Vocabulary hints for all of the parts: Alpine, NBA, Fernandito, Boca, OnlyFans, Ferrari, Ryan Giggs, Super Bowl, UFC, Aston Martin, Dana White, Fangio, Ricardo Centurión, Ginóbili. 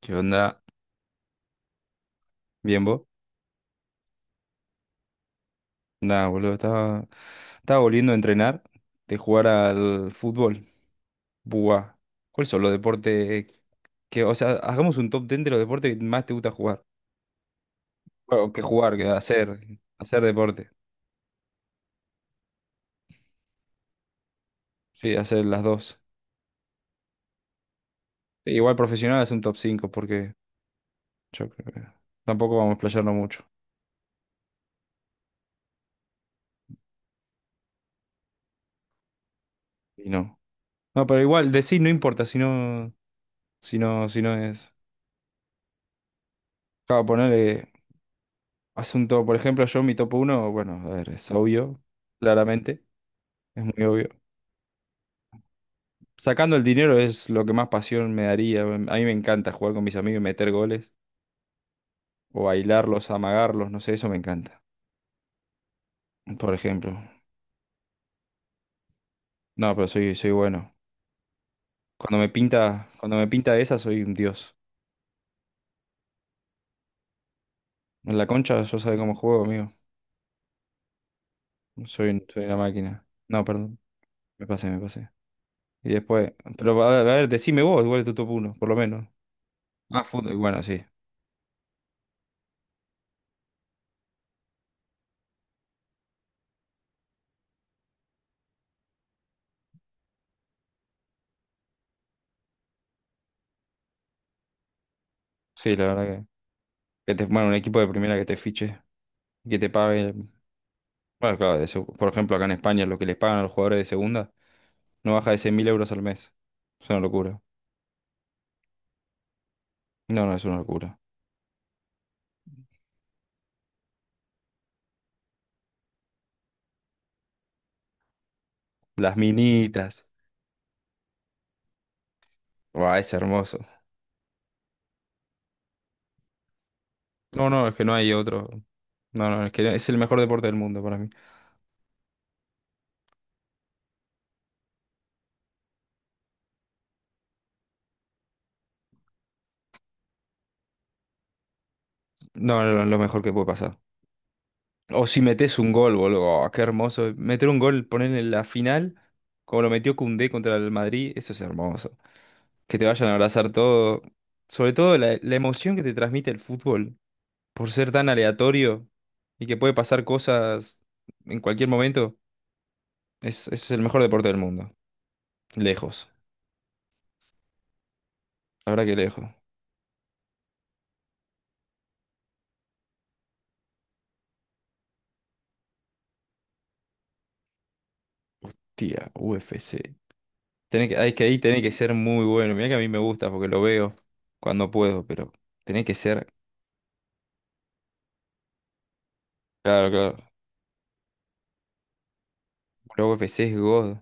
¿Qué onda? ¿Bien vos? Nada, boludo, estaba volviendo a entrenar de jugar al fútbol. Buah. ¿Cuáles son los deportes hagamos un top 10 de los deportes que más te gusta jugar? Bueno, que jugar, que hacer deporte. Sí, hacer las dos. E igual profesional es un top 5 porque yo creo que tampoco vamos a explayarnos mucho. Y no. No, pero igual decir no importa si no, si no, si no es. Acabo de ponerle asunto, por ejemplo, yo mi top 1, bueno, a ver, es obvio, claramente. Es muy obvio. Sacando el dinero es lo que más pasión me daría. A mí me encanta jugar con mis amigos y meter goles. O bailarlos, amagarlos, no sé, eso me encanta. Por ejemplo. No, pero soy bueno. Cuando me pinta esa, soy un dios. En la concha yo sabe cómo juego, amigo. Soy, soy una máquina. No, perdón. Me pasé. Y después. Pero a ver, decime vos, igual tu top uno, por lo menos. Ah, fútbol. Bueno, sí. Sí, la verdad que. Que te, bueno, un equipo de primera que te fiche. Que te pague. Bueno, claro, por ejemplo, acá en España lo que les pagan a los jugadores de segunda no baja de 100.000 euros al mes. Es una locura. No, no, es una locura. Las minitas. Buah, es hermoso. No, no, es que no hay otro. No, no, es que es el mejor deporte del mundo para mí. No, no, no, lo mejor que puede pasar. O si metes un gol, boludo. Oh, qué hermoso. Meter un gol, poner en la final, como lo metió Koundé contra el Madrid, eso es hermoso. Que te vayan a abrazar todo. Sobre todo la emoción que te transmite el fútbol, por ser tan aleatorio y que puede pasar cosas en cualquier momento, es el mejor deporte del mundo. Lejos, la verdad que lejos. Tía, UFC. Tenés que, ah, es que ahí tenés que ser muy bueno. Mira que a mí me gusta porque lo veo cuando puedo, pero tenés que ser. Claro, claro. La UFC es God.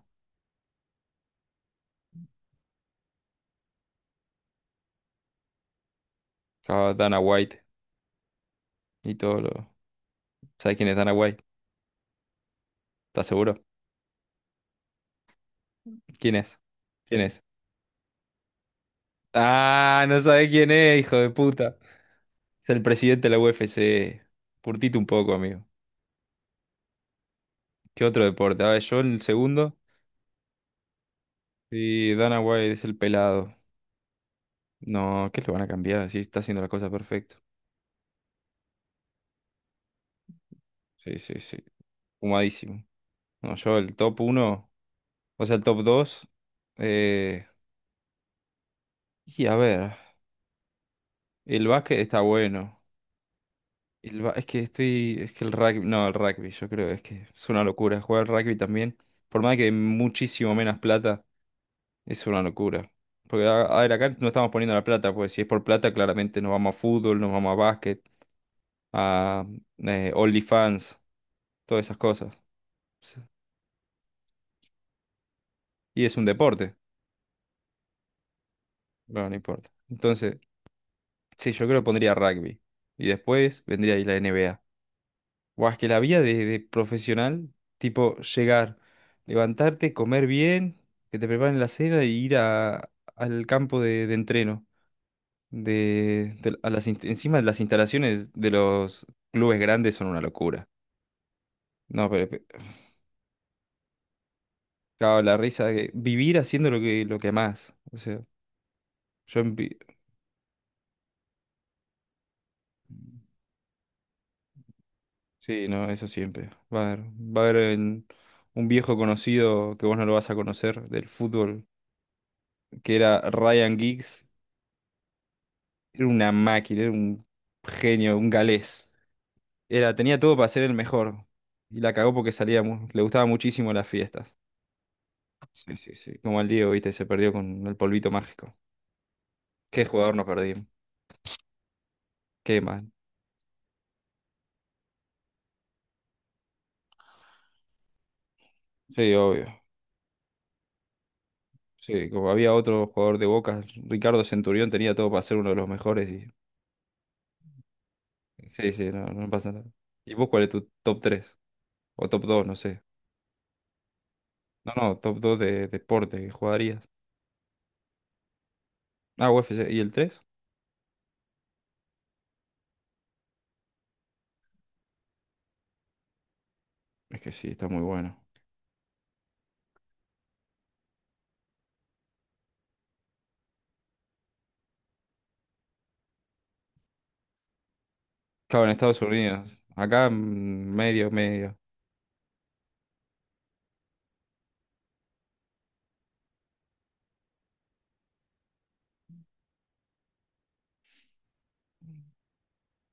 Claro, Dana White y todo lo. ¿Sabes quién es Dana White? ¿Estás seguro? ¿Quién es? ¿Quién es? Ah, no sabes quién es, hijo de puta. Es el presidente de la UFC. Curtite un poco, amigo. ¿Qué otro deporte? Ah, yo el segundo. Y Dana White es el pelado. No, ¿qué lo van a cambiar? Sí, está haciendo la cosa perfecto. Sí, sí, sí. Humadísimo. No, yo el top uno, o sea, el top 2. Eh, y a ver, el básquet está bueno. Es que estoy, es que el rugby, no, el rugby, yo creo, es que es una locura. Jugar al rugby también, por más que muchísimo menos plata, es una locura. Porque, a ver, acá no estamos poniendo la plata, pues si es por plata, claramente nos vamos a fútbol, nos vamos a básquet. A OnlyFans, todas esas cosas. Sí. Y es un deporte, bueno, no importa. Entonces, sí, yo creo que pondría rugby. Y después vendría ahí la N B A. O es que la vida de profesional, tipo llegar, levantarte, comer bien, que te preparen la cena y ir a- al campo de entreno. A las, inst- encima las instalaciones de los clubes grandes son una locura. No, pero, claro, la risa, que vivir haciendo lo que más. O sea, yo. Sí, no, eso siempre. Va a haber, un viejo conocido que vos no lo vas a conocer del fútbol, que era Ryan Giggs. Era una máquina, era un genio, un galés. Era, tenía todo para ser el mejor. Y la cagó porque salía, le gustaba muchísimo las fiestas. Sí, sí, sí. Como el Diego, viste, se perdió con el polvito mágico. Qué jugador nos perdimos. Qué mal. Sí, obvio. Sí, como había otro jugador de Boca, Ricardo Centurión tenía todo para ser uno de los mejores y... Sí, sí, no, no pasa nada. ¿Y vos cuál es tu top tres? O top dos, no sé. No, no, top 2 de deporte que jugarías. Ah, U F C. ¿Y el tres? Es que sí, está muy bueno. Claro, en Estados Unidos. Acá medio, medio.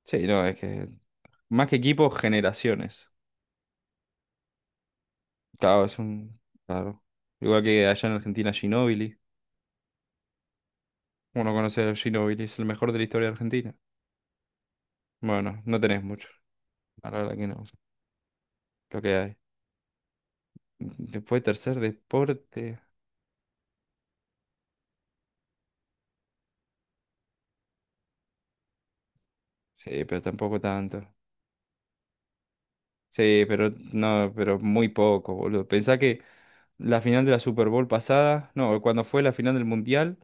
Sí, no, es que más que equipos, generaciones. Claro, es un... Claro. Igual que allá en Argentina, Ginóbili. Uno conoce a Ginóbili, es el mejor de la historia de Argentina. Bueno, no tenés mucho. La verdad que no. Lo que hay. Después, tercer deporte. Sí, pero tampoco tanto. Sí, pero no, pero muy poco, boludo. Pensá que la final de la Super Bowl pasada, no, cuando fue la final del Mundial,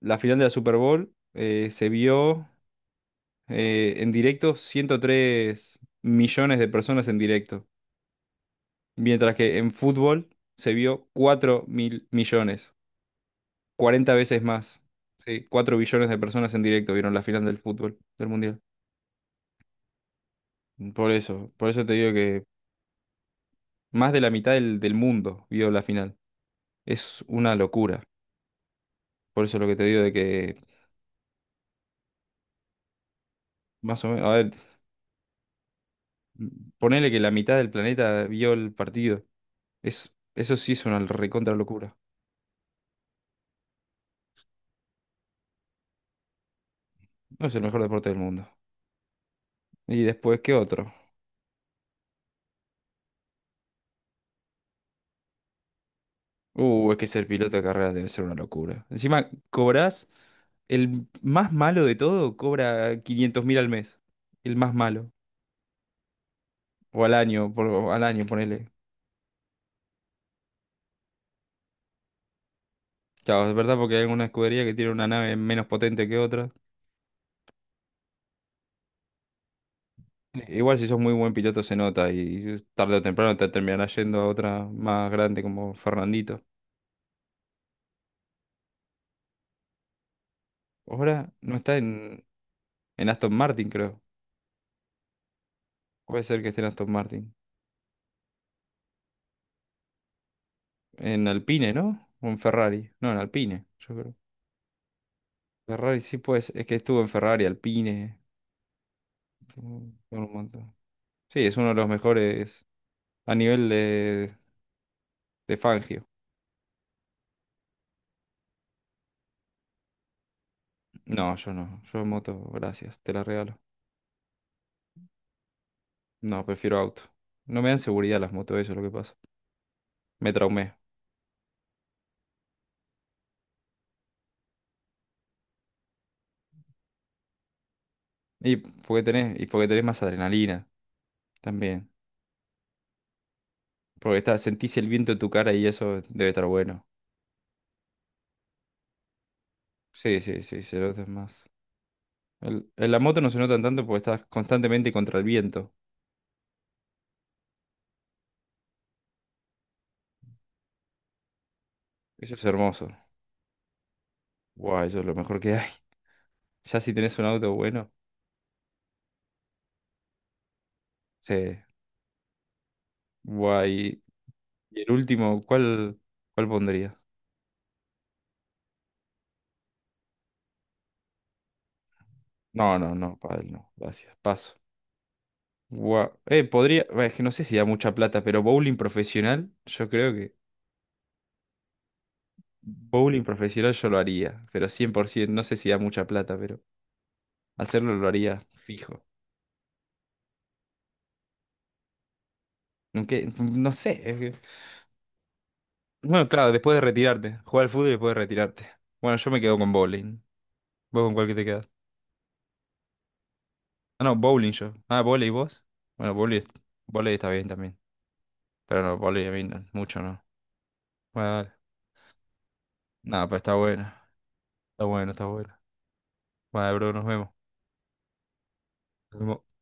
la final de la Super Bowl se vio en directo 103 millones de personas en directo, mientras que en fútbol se vio 4.000 millones, 40 veces más. Sí, 4 billones de personas en directo vieron la final del fútbol, del Mundial. Por eso te digo que más de la mitad del, del mundo vio la final. Es una locura. Por eso lo que te digo de que, más o menos, a ver, ponele que la mitad del planeta vio el partido. Es, eso sí es una recontra locura. No es el mejor deporte del mundo. Y después, ¿qué otro? Es que ser piloto de carreras debe ser una locura. Encima, cobras, el más malo de todo cobra 500 mil al mes. El más malo. O al año, por, o al año, ponele. Claro, es verdad porque hay alguna escudería que tiene una nave menos potente que otra. Igual si sos muy buen piloto se nota y tarde o temprano te terminarás yendo a otra más grande como Fernandito. Ahora no está en Aston Martin, creo. Puede ser que esté en Aston Martin. En Alpine, ¿no? O en Ferrari. No, en Alpine, yo creo. Ferrari sí pues. Es que estuvo en Ferrari, Alpine. Estuvo en un montón. Sí, es uno de los mejores a nivel de Fangio. No, yo no. Yo en moto, gracias, te la regalo. No, prefiero auto. No me dan seguridad las motos, eso es lo que pasa. Me traumé. Y porque tenés más adrenalina también. Porque está, sentís el viento en tu cara y eso debe estar bueno. Sí, sí, sí, se nota más. En la moto no se notan tanto porque estás constantemente contra el viento. Eso es hermoso. Guau, eso es lo mejor que hay. Ya si tenés un auto bueno. Sí. Guay. Y el último, ¿cuál, cuál pondría? No, no, no, pádel no. Gracias. Paso. Guau. Podría. Es que no sé si da mucha plata, pero bowling profesional, yo creo. Bowling profesional yo lo haría, pero 100%, no sé si da mucha plata, pero hacerlo lo haría fijo. Aunque, no sé. Bueno, claro, después de retirarte, jugar al fútbol y después de retirarte. Bueno, yo me quedo con bowling. ¿Vos con cuál que te quedas? Ah, no, bowling yo. Ah, volei vos. Bueno, volei está bien también. Pero no, volei a mí no, mucho no. Bueno, dale. Nada, pues está bueno. Está bueno. Bueno, bro, nos vemos. Nos vemos.